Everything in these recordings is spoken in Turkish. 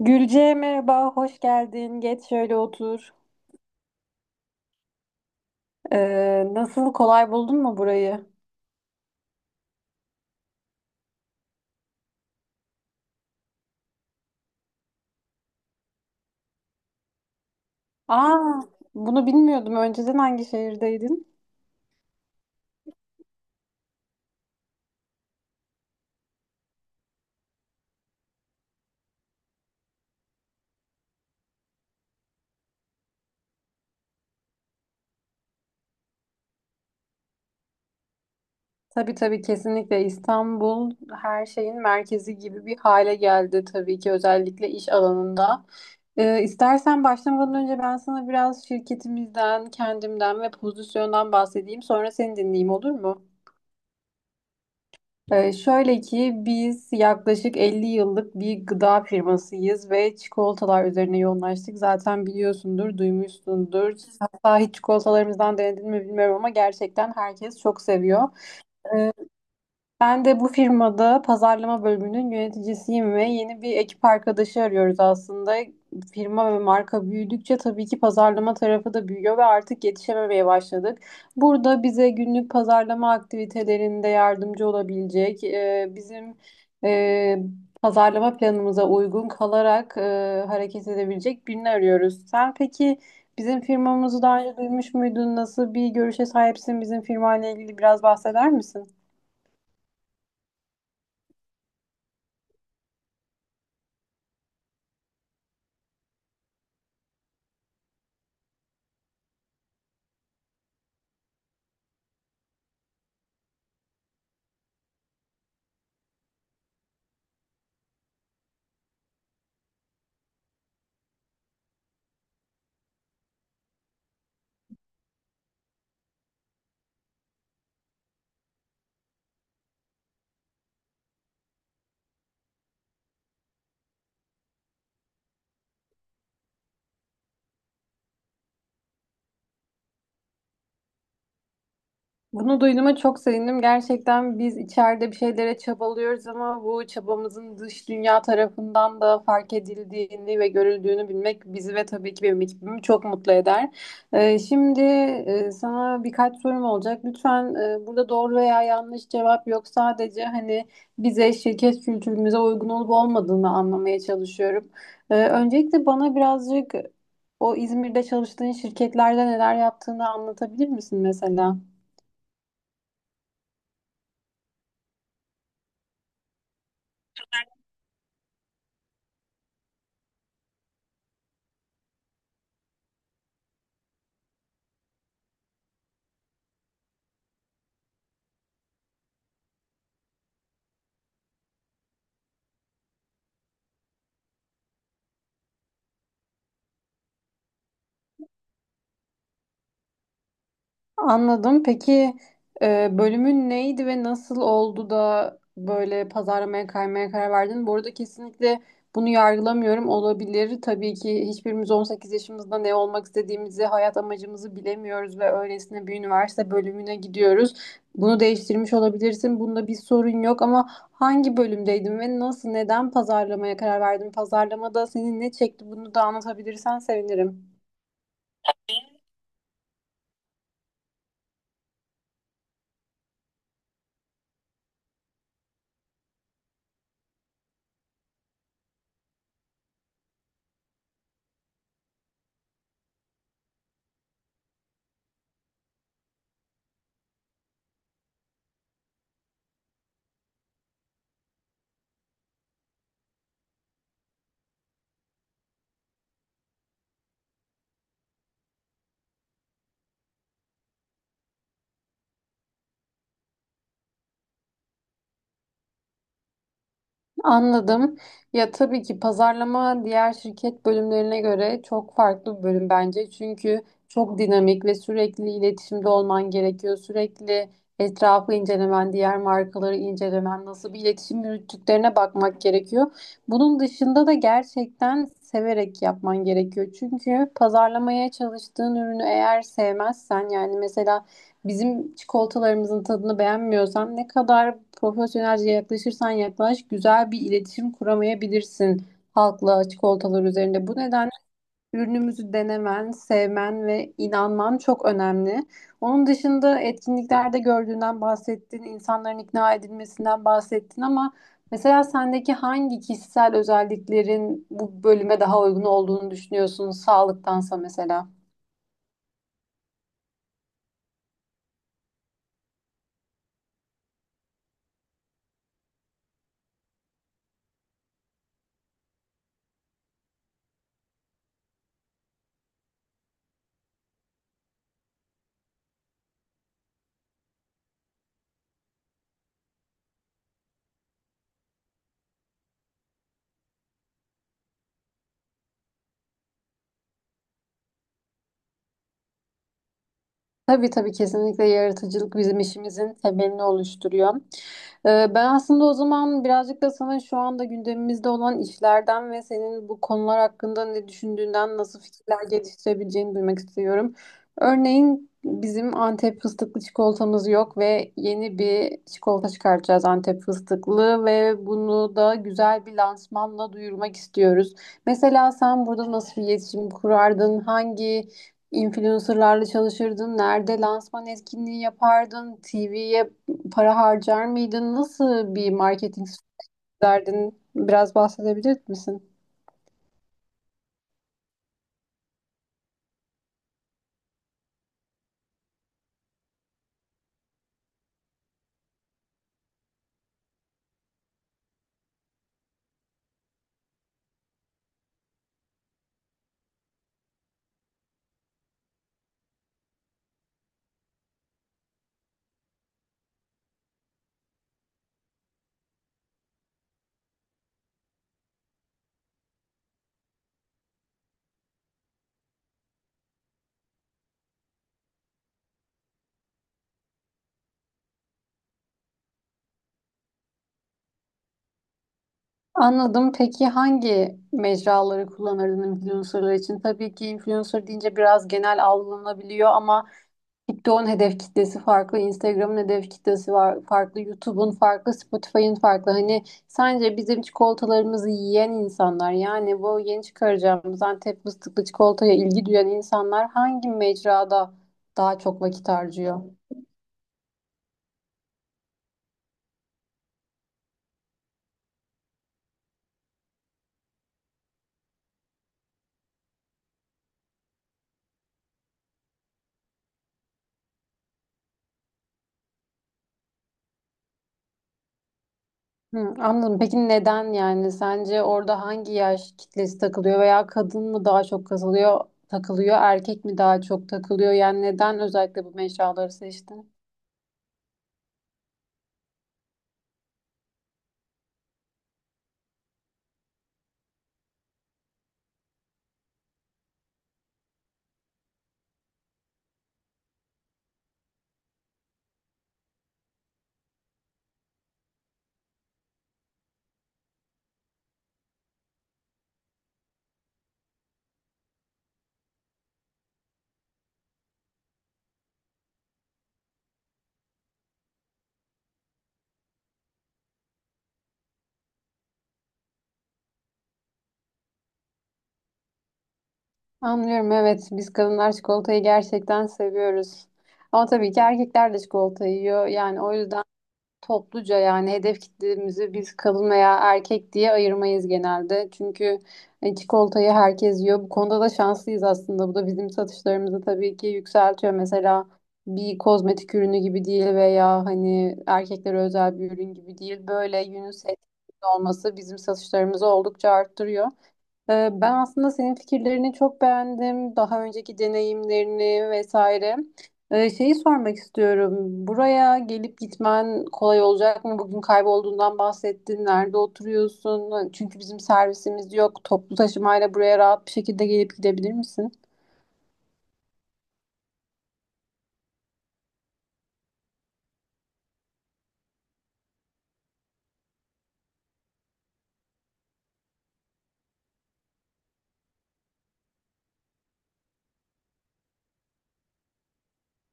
Gülce merhaba, hoş geldin. Geç şöyle otur. Nasıl, kolay buldun mu burayı? Aa, bunu bilmiyordum. Önceden hangi şehirdeydin? Tabii tabii, kesinlikle İstanbul her şeyin merkezi gibi bir hale geldi tabii ki, özellikle iş alanında. İstersen başlamadan önce ben sana biraz şirketimizden, kendimden ve pozisyondan bahsedeyim. Sonra seni dinleyeyim, olur mu? Şöyle ki, biz yaklaşık 50 yıllık bir gıda firmasıyız ve çikolatalar üzerine yoğunlaştık. Zaten biliyorsundur, duymuşsundur. Hatta hiç çikolatalarımızdan denedin mi bilmiyorum ama gerçekten herkes çok seviyor. Ee, Ben de bu firmada pazarlama bölümünün yöneticisiyim ve yeni bir ekip arkadaşı arıyoruz aslında. Firma ve marka büyüdükçe tabii ki pazarlama tarafı da büyüyor ve artık yetişememeye başladık. Burada bize günlük pazarlama aktivitelerinde yardımcı olabilecek, bizim e, pazarlama planımıza uygun kalarak hareket edebilecek birini arıyoruz. Sen peki bizim firmamızı daha önce duymuş muydun? Nasıl bir görüşe sahipsin? Bizim firmayla ilgili biraz bahseder misin? Bunu duyduğuma çok sevindim. Gerçekten biz içeride bir şeylere çabalıyoruz ama bu çabamızın dış dünya tarafından da fark edildiğini ve görüldüğünü bilmek bizi ve tabii ki benim ekibimi çok mutlu eder. Şimdi sana birkaç sorum olacak. Lütfen, burada doğru veya yanlış cevap yok. Sadece hani bize, şirket kültürümüze uygun olup olmadığını anlamaya çalışıyorum. Öncelikle bana birazcık o İzmir'de çalıştığın şirketlerde neler yaptığını anlatabilir misin mesela? Anladım. Peki bölümün neydi ve nasıl oldu da böyle pazarlamaya kaymaya karar verdin? Bu arada kesinlikle bunu yargılamıyorum. Olabilir. Tabii ki hiçbirimiz 18 yaşımızda ne olmak istediğimizi, hayat amacımızı bilemiyoruz ve öylesine bir üniversite bölümüne gidiyoruz. Bunu değiştirmiş olabilirsin. Bunda bir sorun yok ama hangi bölümdeydin ve nasıl, neden pazarlamaya karar verdin? Pazarlamada seni ne çekti? Bunu da anlatabilirsen sevinirim. Anladım. Ya tabii ki pazarlama diğer şirket bölümlerine göre çok farklı bir bölüm bence. Çünkü çok dinamik ve sürekli iletişimde olman gerekiyor. Sürekli etrafı incelemen, diğer markaları incelemen, nasıl bir iletişim yürüttüklerine bakmak gerekiyor. Bunun dışında da gerçekten severek yapman gerekiyor. Çünkü pazarlamaya çalıştığın ürünü eğer sevmezsen, yani mesela bizim çikolatalarımızın tadını beğenmiyorsan ne kadar profesyonelce yaklaşırsan yaklaş, güzel bir iletişim kuramayabilirsin halkla çikolatalar üzerinde. Bu nedenle ürünümüzü denemen, sevmen ve inanman çok önemli. Onun dışında etkinliklerde gördüğünden bahsettin, insanların ikna edilmesinden bahsettin ama mesela sendeki hangi kişisel özelliklerin bu bölüme daha uygun olduğunu düşünüyorsun sağlıktansa mesela? Tabii tabii, kesinlikle yaratıcılık bizim işimizin temelini oluşturuyor. Ben aslında o zaman birazcık da sana şu anda gündemimizde olan işlerden ve senin bu konular hakkında ne düşündüğünden, nasıl fikirler geliştirebileceğini duymak istiyorum. Örneğin bizim Antep fıstıklı çikolatamız yok ve yeni bir çikolata çıkartacağız Antep fıstıklı, ve bunu da güzel bir lansmanla duyurmak istiyoruz. Mesela sen burada nasıl bir iletişim kurardın? Hangi İnfluencerlarla çalışırdın? Nerede lansman etkinliği yapardın? TV'ye para harcar mıydın? Nasıl bir marketing sürdürdün? Biraz bahsedebilir misin? Anladım. Peki hangi mecraları kullanırdın influencerlar için? Tabii ki influencer deyince biraz genel algılanabiliyor ama TikTok'un hedef kitlesi farklı, Instagram'ın hedef kitlesi var, farklı, YouTube'un farklı, Spotify'ın farklı. Hani sence bizim çikolatalarımızı yiyen insanlar, yani bu yeni çıkaracağımız Antep fıstıklı çikolataya ilgi duyan insanlar hangi mecrada daha çok vakit harcıyor? Hı, anladım. Peki neden yani? Sence orada hangi yaş kitlesi takılıyor, veya kadın mı daha çok kazılıyor, takılıyor, erkek mi daha çok takılıyor? Yani neden özellikle bu mecraları seçtin? Anlıyorum, evet, biz kadınlar çikolatayı gerçekten seviyoruz. Ama tabii ki erkekler de çikolata yiyor. Yani o yüzden topluca, yani hedef kitlemizi biz kadın veya erkek diye ayırmayız genelde. Çünkü çikolatayı herkes yiyor. Bu konuda da şanslıyız aslında. Bu da bizim satışlarımızı tabii ki yükseltiyor. Mesela bir kozmetik ürünü gibi değil, veya hani erkeklere özel bir ürün gibi değil. Böyle unisex olması bizim satışlarımızı oldukça arttırıyor. Ben aslında senin fikirlerini çok beğendim. Daha önceki deneyimlerini vesaire. Şeyi sormak istiyorum. Buraya gelip gitmen kolay olacak mı? Bugün kaybolduğundan bahsettin. Nerede oturuyorsun? Çünkü bizim servisimiz yok. Toplu taşımayla buraya rahat bir şekilde gelip gidebilir misin?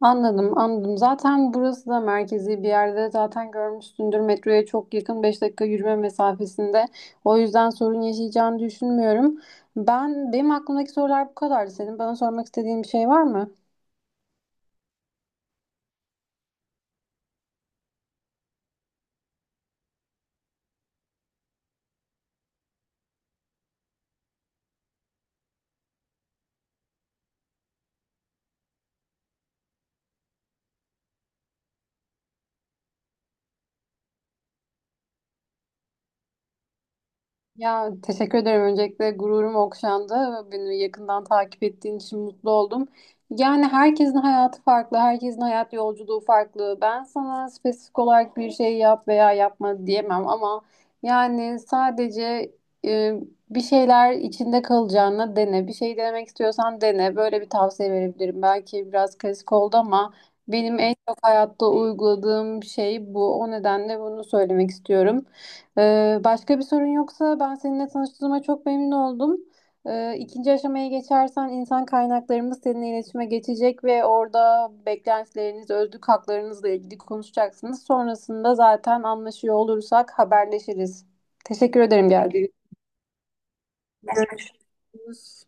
Anladım, anladım. Zaten burası da merkezi bir yerde. Zaten görmüşsündür, metroya çok yakın, 5 dakika yürüme mesafesinde. O yüzden sorun yaşayacağını düşünmüyorum. Ben, benim aklımdaki sorular bu kadardı. Senin bana sormak istediğin bir şey var mı? Ya teşekkür ederim. Öncelikle gururum okşandı. Beni yakından takip ettiğin için mutlu oldum. Yani herkesin hayatı farklı, herkesin hayat yolculuğu farklı. Ben sana spesifik olarak bir şey yap veya yapma diyemem ama yani sadece e, bir şeyler içinde kalacağına dene. Bir şey denemek istiyorsan dene. Böyle bir tavsiye verebilirim. Belki biraz klasik oldu ama benim en çok hayatta uyguladığım şey bu. O nedenle bunu söylemek istiyorum. Başka bir sorun yoksa ben seninle tanıştığıma çok memnun oldum. İkinci aşamaya geçersen insan kaynaklarımız seninle iletişime geçecek ve orada beklentileriniz, özlük haklarınızla ilgili konuşacaksınız. Sonrasında zaten anlaşıyor olursak haberleşiriz. Teşekkür ederim geldiğiniz için. Görüşürüz.